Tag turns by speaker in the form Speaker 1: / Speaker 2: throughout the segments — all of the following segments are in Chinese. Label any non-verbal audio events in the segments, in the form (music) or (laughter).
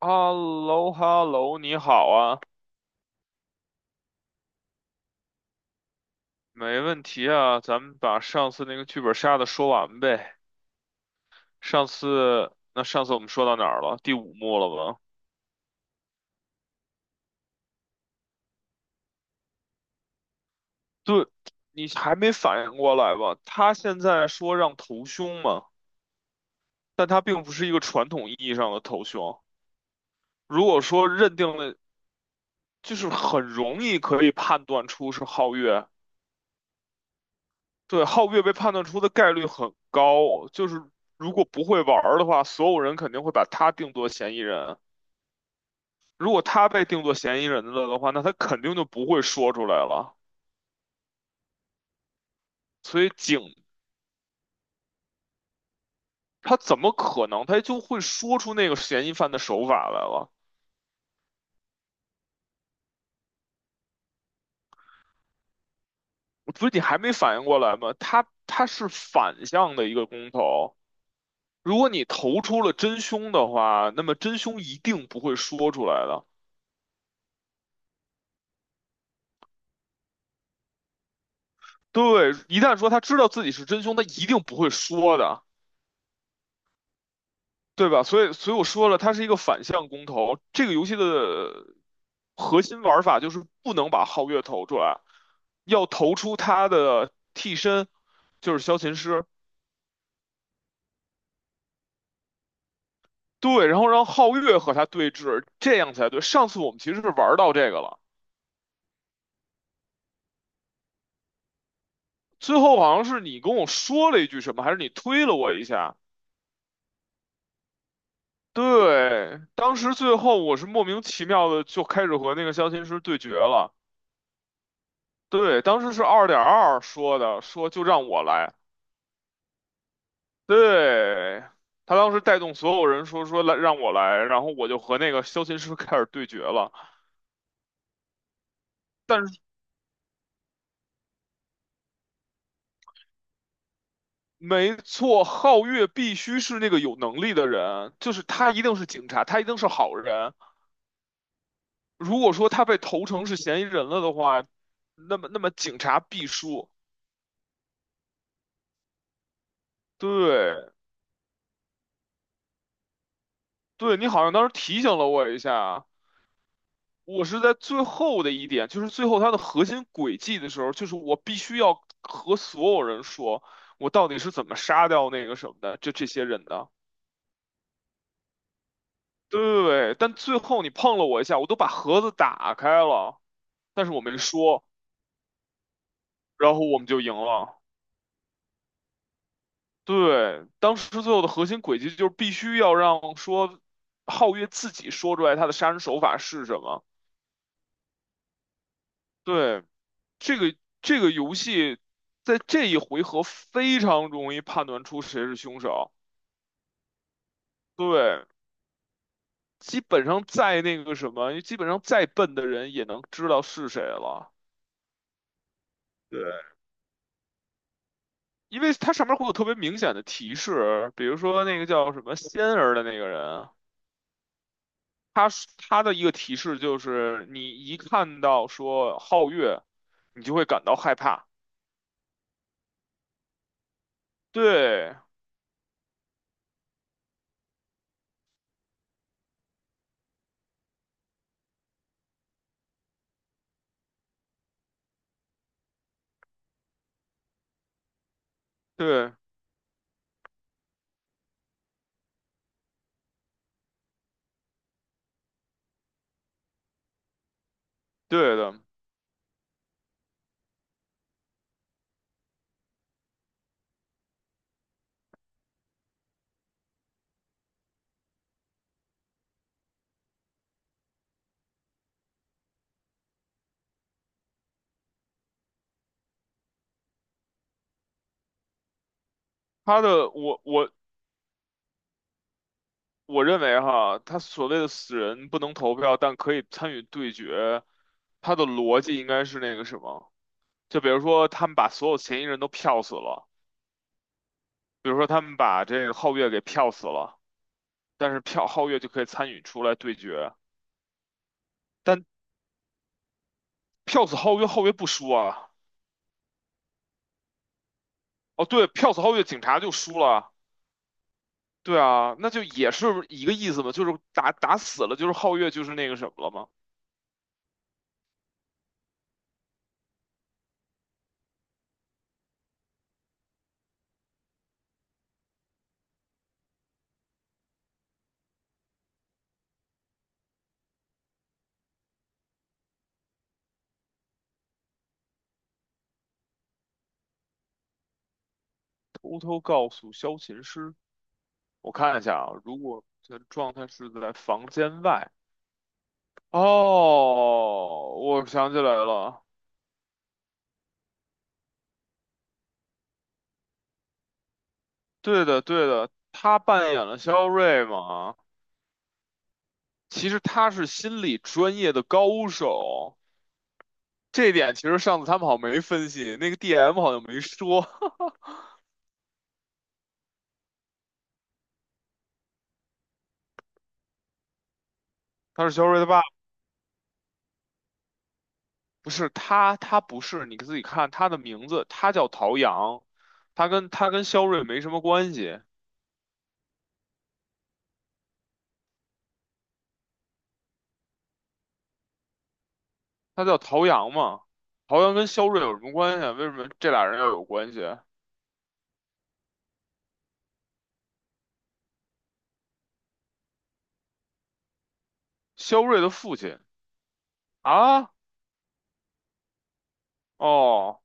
Speaker 1: h e l l o h e l l o 你好啊，没问题啊，咱们把上次那个剧本杀的说完呗。上次，那上次我们说到哪儿了？第五幕了吧？对，你还没反应过来吧？他现在说让投凶嘛，但他并不是一个传统意义上的投凶。如果说认定了，就是很容易可以判断出是皓月，对，皓月被判断出的概率很高，就是如果不会玩儿的话，所有人肯定会把他定作嫌疑人。如果他被定作嫌疑人了的话，那他肯定就不会说出来了。所以警他怎么可能他就会说出那个嫌疑犯的手法来了？不是你还没反应过来吗？他是反向的一个公投，如果你投出了真凶的话，那么真凶一定不会说出来的。对，一旦说他知道自己是真凶，他一定不会说的。对吧？所以，所以我说了，它是一个反向公投。这个游戏的核心玩法就是不能把皓月投出来，要投出他的替身，就是萧琴师。对，然后让皓月和他对峙，这样才对。上次我们其实是玩到这个了，最后好像是你跟我说了一句什么，还是你推了我一下？对，当时最后我是莫名其妙的就开始和那个萧琴师对决了。对，当时是二点二说的，说就让我来。对，他当时带动所有人说来让我来，然后我就和那个萧琴师开始对决了。但是没错，皓月必须是那个有能力的人，就是他一定是警察，他一定是好人。如果说他被投诚是嫌疑人了的话，那么警察必输。对，对你好像当时提醒了我一下，我是在最后的一点，就是最后它的核心轨迹的时候，就是我必须要和所有人说，我到底是怎么杀掉那个什么的，就这些人的。对，但最后你碰了我一下，我都把盒子打开了，但是我没说，然后我们就赢了。对，当时最后的核心轨迹就是必须要让说皓月自己说出来他的杀人手法是什么。对，这个这个游戏在这一回合非常容易判断出谁是凶手。对，基本上再那个什么，基本上再笨的人也能知道是谁了。对，因为它上面会有特别明显的提示，比如说那个叫什么仙儿的那个人，他是他的一个提示就是你一看到说皓月，你就会感到害怕。对对对的，他的我认为哈，他所谓的死人不能投票，但可以参与对决，他的逻辑应该是那个什么，就比如说他们把所有嫌疑人都票死了，比如说他们把这个皓月给票死了，但是票皓月就可以参与出来对决，但票死皓月，皓月不输啊。哦，对，票死皓月，警察就输了。对啊，那就也是一个意思嘛，就是打打死了，就是皓月就是那个什么了嘛。偷偷告诉萧琴师。我看一下啊，如果这状态是在房间外，哦，我想起来了，对的，对的，他扮演了肖瑞嘛，其实他是心理专业的高手，这一点其实上次他们好像没分析，那个 DM 好像没说 (laughs) 他是肖瑞的爸爸，不是他，他不是，你自己看他的名字，他叫陶阳，他跟肖瑞没什么关系，他叫陶阳嘛。陶阳跟肖瑞有什么关系啊？为什么这俩人要有关系？肖瑞的父亲啊，哦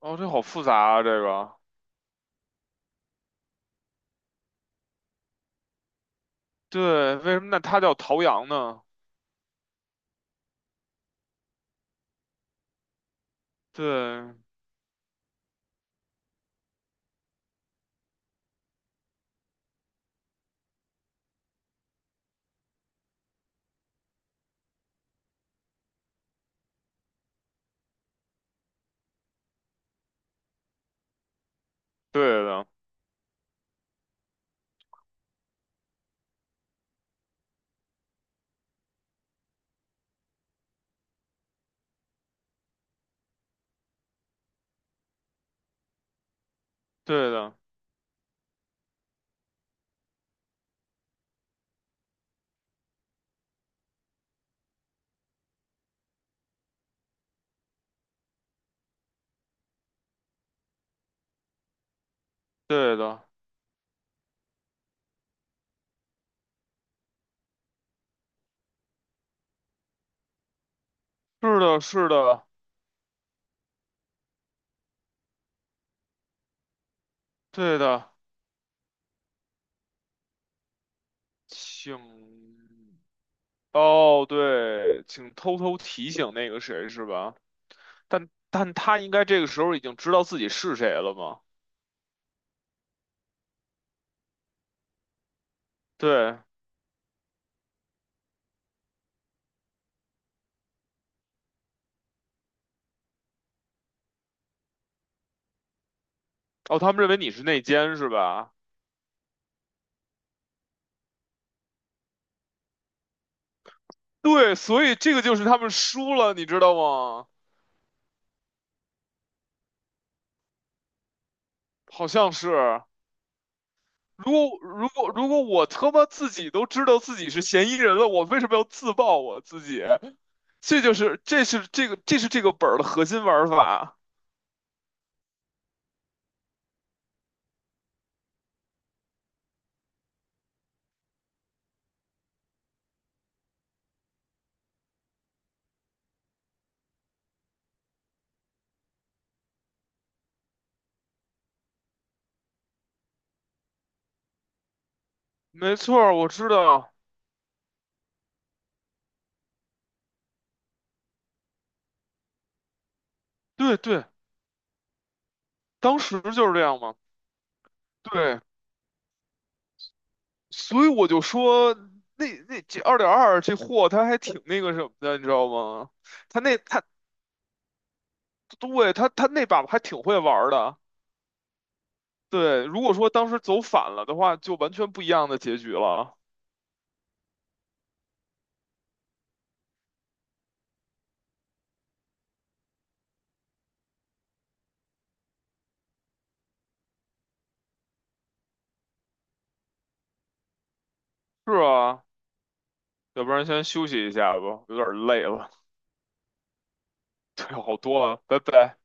Speaker 1: 哦，这好复杂啊，这个对，为什么那他叫陶阳呢？对，对的，对的，对的，是的，是的，对的，请哦，对，请偷偷提醒那个谁是吧？但他应该这个时候已经知道自己是谁了吗？对，哦，他们认为你是内奸是吧？对，所以这个就是他们输了，你知道吗？好像是。如果我他妈自己都知道自己是嫌疑人了，我为什么要自爆我自己？这就是这是这个这是这个本儿的核心玩法。没错儿我知道，对对，当时就是这样嘛。对，所以我就说那那这二点二这货他还挺那个什么的，你知道吗？他那他对他那把还挺会玩儿的。对，如果说当时走反了的话，就完全不一样的结局了。是啊。要不然先休息一下吧，有点累了。(laughs) 对，好多了，拜拜。